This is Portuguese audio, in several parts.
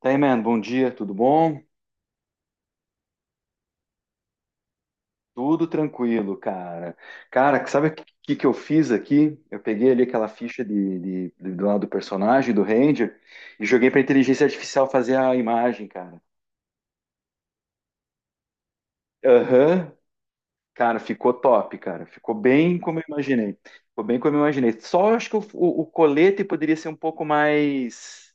Tá aí, man, bom dia, tudo bom? Tudo tranquilo, cara. Cara, sabe o que, que eu fiz aqui? Eu peguei ali aquela ficha do lado do personagem, do Ranger, e joguei pra inteligência artificial fazer a imagem, cara. Aham. Cara, ficou top, cara. Ficou bem como eu imaginei. Ficou bem como eu imaginei. Só acho que o colete poderia ser um pouco mais,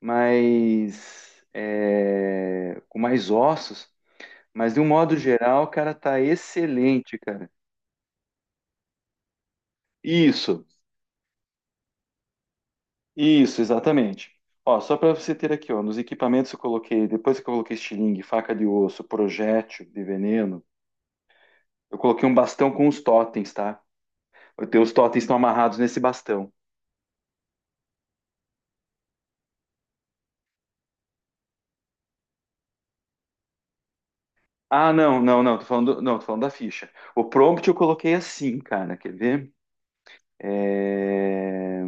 com mais ossos, mas de um modo geral, cara, tá excelente, cara. Isso. Isso, exatamente. Ó, só para você ter aqui, ó, nos equipamentos eu coloquei, depois que eu coloquei estilingue, faca de osso, projétil de veneno, eu coloquei um bastão com os totens, tá? Os totens estão amarrados nesse bastão. Ah, não, não, não, tô falando, não, tô falando da ficha. O prompt eu coloquei assim, cara, quer ver? É,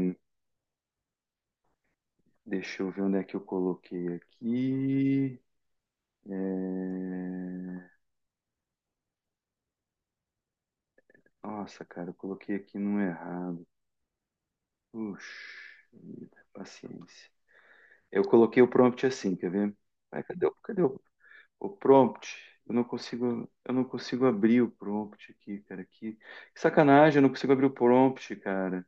Deixa eu ver onde é que eu coloquei aqui. É, Nossa, cara, eu coloquei aqui no errado. Puxa, vida, paciência. Eu coloquei o prompt assim, quer ver? Ai, cadê o prompt? Eu não consigo abrir o prompt aqui, cara. Que sacanagem, eu não consigo abrir o prompt, cara.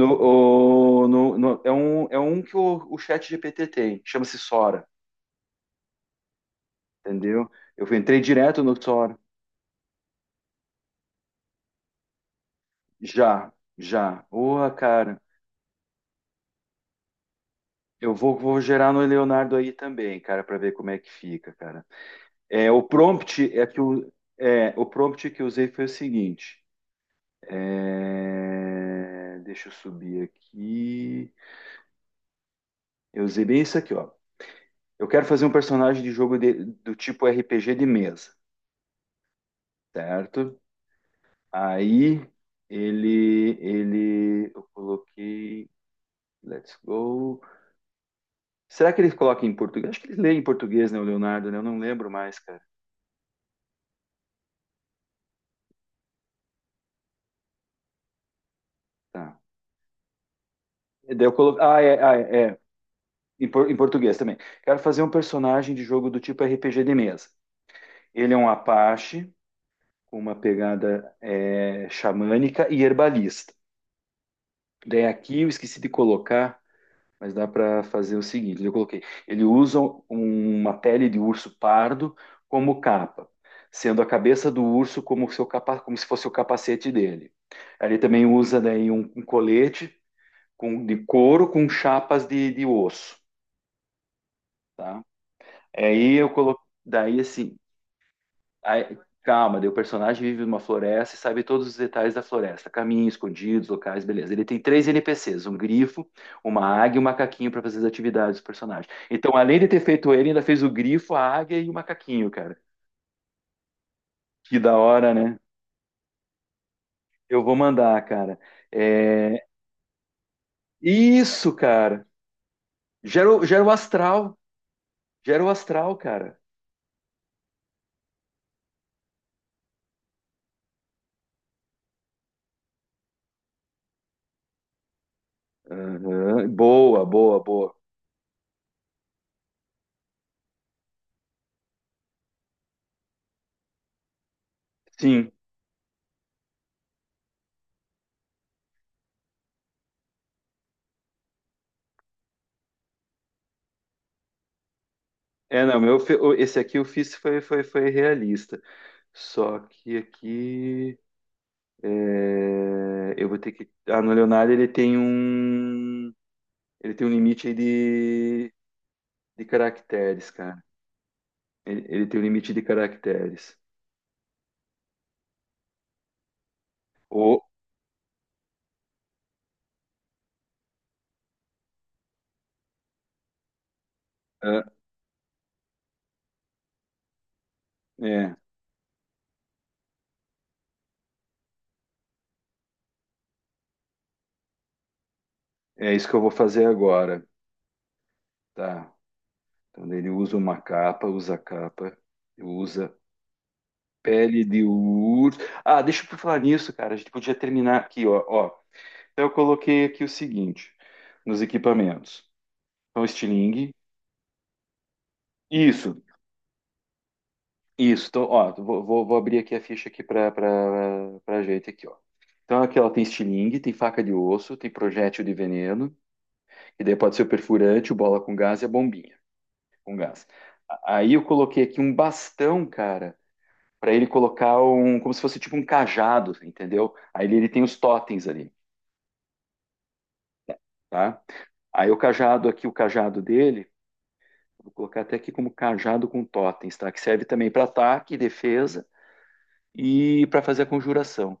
No, é um que o chat GPT tem, chama-se Sora, entendeu? Eu entrei direto no Sora. Já, já. Porra, cara. Eu vou gerar no Leonardo aí também, cara, para ver como é que fica, cara. É, o prompt é que o, o prompt que eu usei foi o seguinte. Deixa eu subir aqui. Eu usei bem isso aqui, ó. Eu quero fazer um personagem de jogo do tipo RPG de mesa, certo? Aí eu coloquei, let's go. Será que ele coloca em português? Acho que ele lê em português, né, o Leonardo, né? Eu não lembro mais, cara. Tá. E daí eu colo... Ah, é, ah, é, é. Em português também. Quero fazer um personagem de jogo do tipo RPG de mesa. Ele é um Apache, com uma pegada xamânica e herbalista. Daí aqui eu esqueci de colocar, mas dá para fazer o seguinte: eu coloquei. Ele usa uma pele de urso pardo como capa, sendo a cabeça do urso como, seu capa, como se fosse o capacete dele. Ele também usa daí um colete de couro com chapas de osso, tá? Aí eu coloquei. Daí assim, aí, calma, daí o personagem vive numa floresta e sabe todos os detalhes da floresta, caminhos, escondidos, locais, beleza. Ele tem três NPCs, um grifo, uma águia e um macaquinho para fazer as atividades do personagem. Então, além de ter feito ele, ainda fez o grifo, a águia e o macaquinho, cara. Que da hora, né? Eu vou mandar, cara. É... Isso, cara. Gera, gera o astral. Gera o astral, cara. Aham. Boa, boa, boa. Sim. Não, meu, esse aqui eu fiz foi, realista. Só que aqui é, eu vou ter que. Ah, no Leonardo ele tem um. Ele tem um limite aí de caracteres, cara. Ele tem um limite de caracteres. Ou, ah, é, É isso que eu vou fazer agora. Tá. Então daí ele usa uma capa, usa pele de urso. Ah, deixa eu falar nisso, cara. A gente podia terminar aqui, ó. Então eu coloquei aqui o seguinte, nos equipamentos. Então, estilingue. Isso. Isso, então, ó, vou abrir aqui a ficha aqui para gente aqui, ó. Então aqui ela tem estilingue, tem faca de osso, tem projétil de veneno, e daí pode ser o perfurante, o bola com gás e a bombinha com gás. Aí eu coloquei aqui um bastão, cara, para ele colocar um, como se fosse tipo um cajado, entendeu? Aí ele tem os totens ali, tá? Aí o cajado aqui, o cajado dele, vou colocar até aqui como cajado com totens, tá? Que serve também para ataque, defesa e para fazer a conjuração.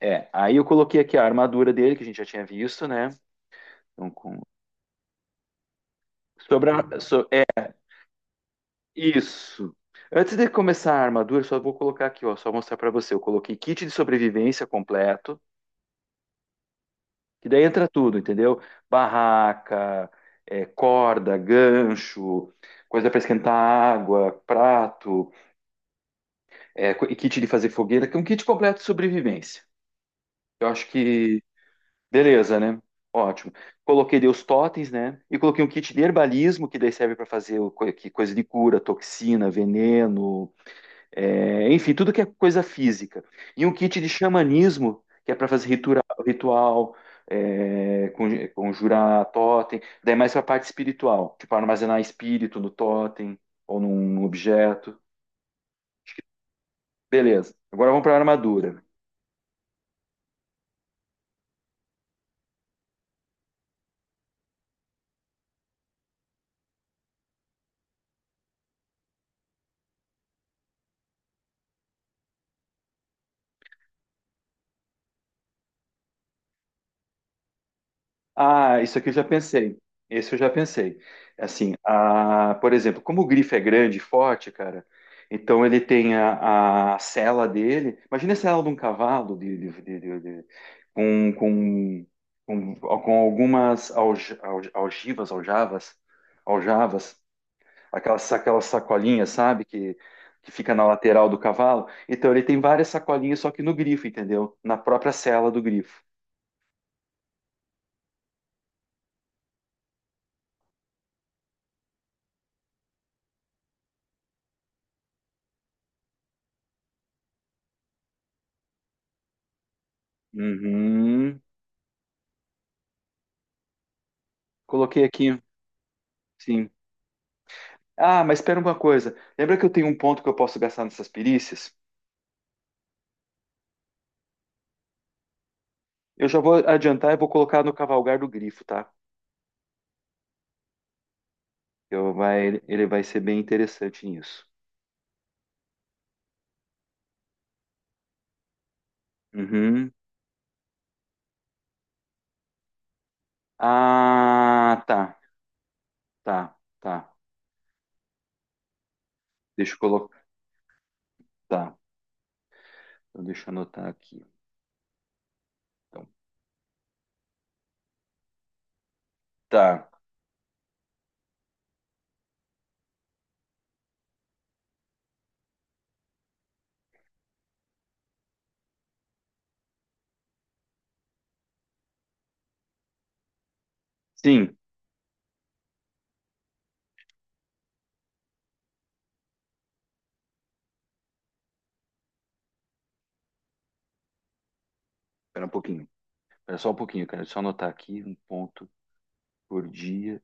Aí eu coloquei aqui a armadura dele, que a gente já tinha visto, né? Então, com... É isso. Antes de começar a armadura, só vou colocar aqui, ó, só mostrar pra você. Eu coloquei kit de sobrevivência completo, que daí entra tudo, entendeu? Barraca, corda, gancho, coisa pra esquentar água, prato, e kit de fazer fogueira, que é um kit completo de sobrevivência. Eu acho que beleza, né? Ótimo. Coloquei daí os totens, né? E coloquei um kit de herbalismo, que daí serve para fazer coisa de cura, toxina, veneno, enfim, tudo que é coisa física. E um kit de xamanismo, que é para fazer ritual, conjurar totem. Daí é mais para a parte espiritual, tipo armazenar espírito no totem ou num objeto. Acho que- Beleza. Agora vamos para a armadura. Ah, isso aqui eu já pensei. Esse eu já pensei. Assim, por exemplo, como o grifo é grande e forte, cara, então ele tem a sela dele. Imagina a sela de um cavalo com, com, com algumas aljavas, aquelas sacolinhas, sabe, que fica na lateral do cavalo. Então ele tem várias sacolinhas, só que no grifo, entendeu? Na própria sela do grifo. Uhum. Coloquei aqui. Sim. Ah, mas espera uma coisa. Lembra que eu tenho um ponto que eu posso gastar nessas perícias? Eu já vou adiantar e vou colocar no cavalgar do grifo, tá? Ele vai ser bem interessante nisso. Uhum. Ah, tá, tá, tá. Deixa eu colocar. Tá, então deixa eu anotar aqui. Então, tá. Sim, espera um pouquinho. Espera só um pouquinho, cara. Deixa eu só anotar aqui um ponto por dia,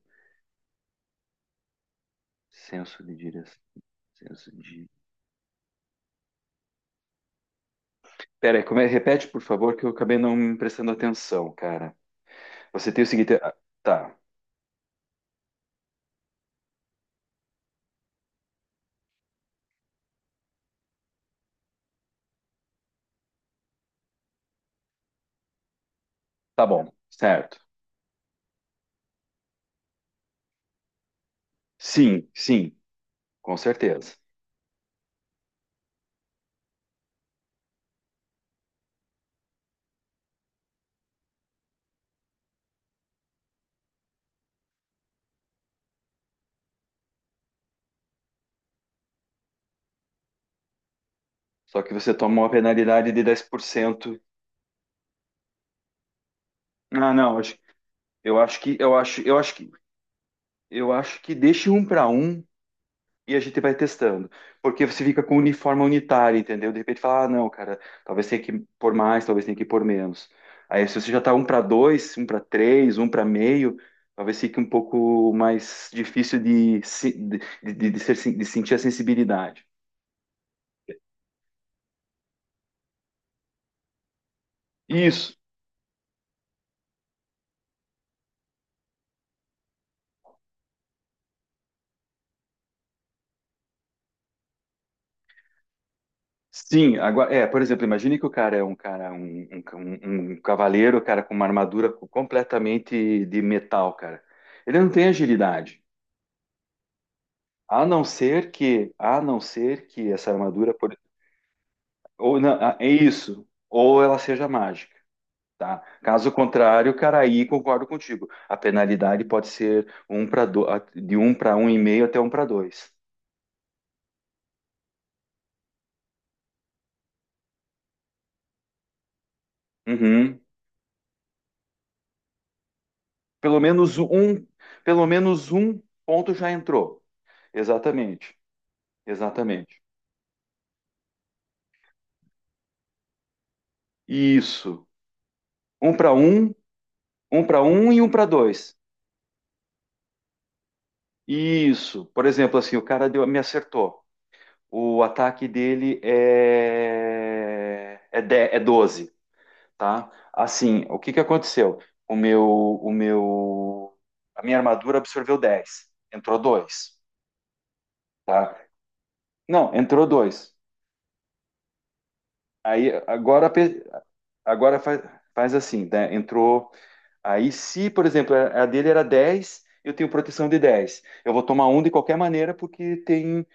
senso de direção. Senso de. Pera aí, como é? Repete, por favor, que eu acabei não me prestando atenção, cara. Você tem o seguinte. Tá, tá bom, certo. Sim, sim, com certeza. Só que você toma uma penalidade de 10%. Ah, não, acho- eu acho que eu acho que Eu acho que deixe um para um e a gente vai testando. Porque você fica com uniforme unitário, entendeu? De repente fala, ah, não, cara, talvez tenha que pôr mais, talvez tenha que pôr menos. Aí se você já tá um para dois, um para três, um para meio, talvez fique um pouco mais difícil de, se- de ser de sentir a sensibilidade. Isso. Sim, agora, por exemplo, imagine que o cara é um cara, um, um cavaleiro, cara, com uma armadura completamente de metal, cara. Ele não tem agilidade, a não ser que, a não ser que essa armadura, ou não, ah, é isso, ou ela seja mágica, tá? Caso contrário, cara, aí concordo contigo. A penalidade pode ser de um para um e meio até um para dois. Uhum. Pelo menos um, pelo menos um ponto já entrou. Exatamente. Exatamente. Isso. Um para um, um para um e um para dois. Isso. Por exemplo, assim, o cara me acertou. O ataque dele é 12, tá? Assim, o que que aconteceu? O meu, o meu, a minha armadura absorveu 10. Entrou dois, tá? Não, entrou dois. Aí agora pe- Agora faz assim, né? Entrou. Aí, se, por exemplo, a dele era 10, eu tenho proteção de 10. Eu vou tomar um de qualquer maneira, porque tem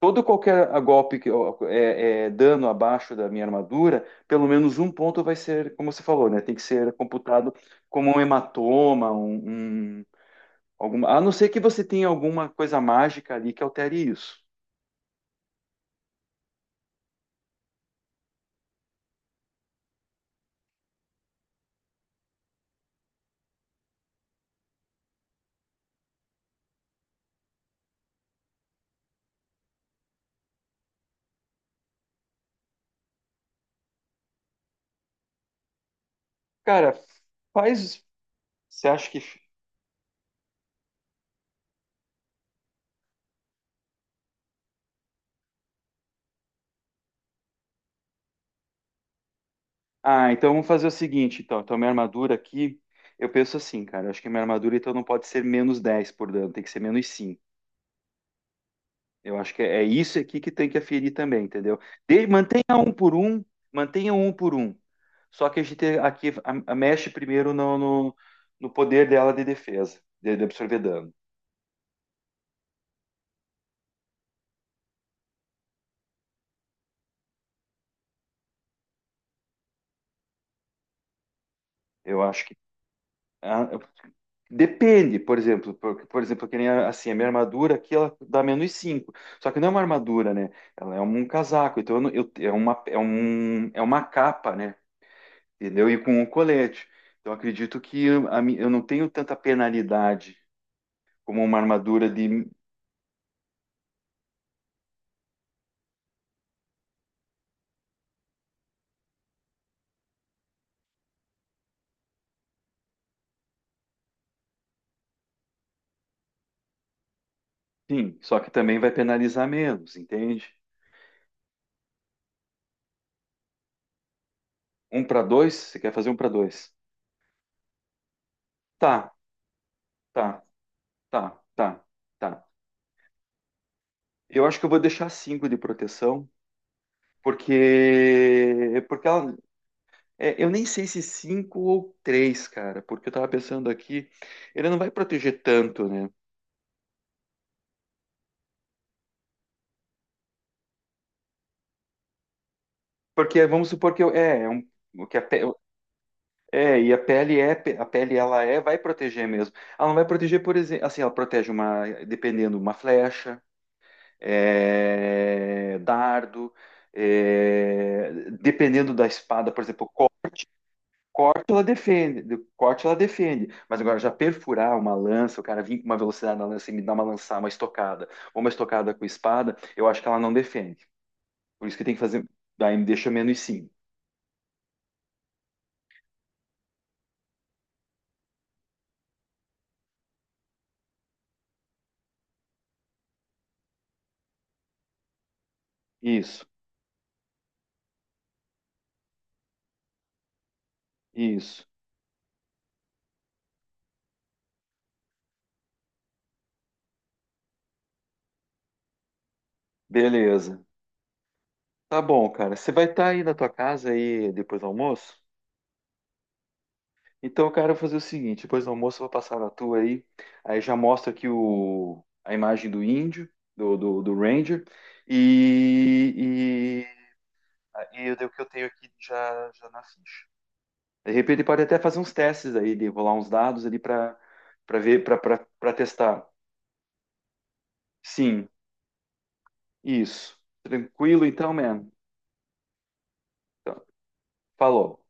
todo qualquer golpe é dano abaixo da minha armadura, pelo menos um ponto vai ser, como você falou, né? Tem que ser computado como um hematoma, alguma, a não ser que você tenha alguma coisa mágica ali que altere isso. Cara, faz. Você acha que ah, então vamos fazer o seguinte, então. Então, minha armadura aqui, eu penso assim, cara. Eu acho que minha armadura, então, não pode ser menos 10 por dano, tem que ser menos 5. Eu acho que é isso aqui que tem que aferir também, entendeu? Mantenha um por um, mantenha um por um. Só que a gente aqui mexe primeiro no poder dela de defesa, de absorver dano. Eu acho que. ah, Depende, por exemplo, por exemplo, que nem assim, a minha armadura aqui ela dá menos 5. Só que não é uma armadura, né? Ela é um casaco, então eu, é uma capa, né? Entendeu? E com um colete. Então eu acredito que eu, eu não tenho tanta penalidade como uma armadura de. Sim, só que também vai penalizar menos, entende? Um para dois? Você quer fazer um para dois? Tá, tá, tá, tá, tá. Eu acho que eu vou deixar cinco de proteção. Porque ela, eu nem sei se cinco ou três, cara, porque eu tava pensando aqui, ele não vai proteger tanto, né? Porque vamos supor que eu, o que e a pele vai proteger mesmo. Ela não vai proteger, por exemplo, assim, ela protege uma, dependendo, uma flecha, dardo, é, dependendo da espada, por exemplo, corte ela defende, corte ela defende, mas agora já perfurar uma lança, o cara vir com uma velocidade na lança e me dar uma lançar, uma estocada, ou uma estocada com espada, eu acho que ela não defende. Por isso que tem que fazer, daí me deixa menos cinco. Isso, isso, beleza. Tá bom, cara. Você vai estar aí na tua casa aí depois do almoço? Então, cara, eu vou fazer o seguinte, depois do almoço eu vou passar na tua aí, aí já mostra aqui a imagem do índio, do Ranger, e ah, e eu dei o que eu tenho aqui já, já na ficha. De repente pode até fazer uns testes aí, de rolar uns dados ali para ver, para testar. Sim, isso. Tranquilo então, man. Então, falou.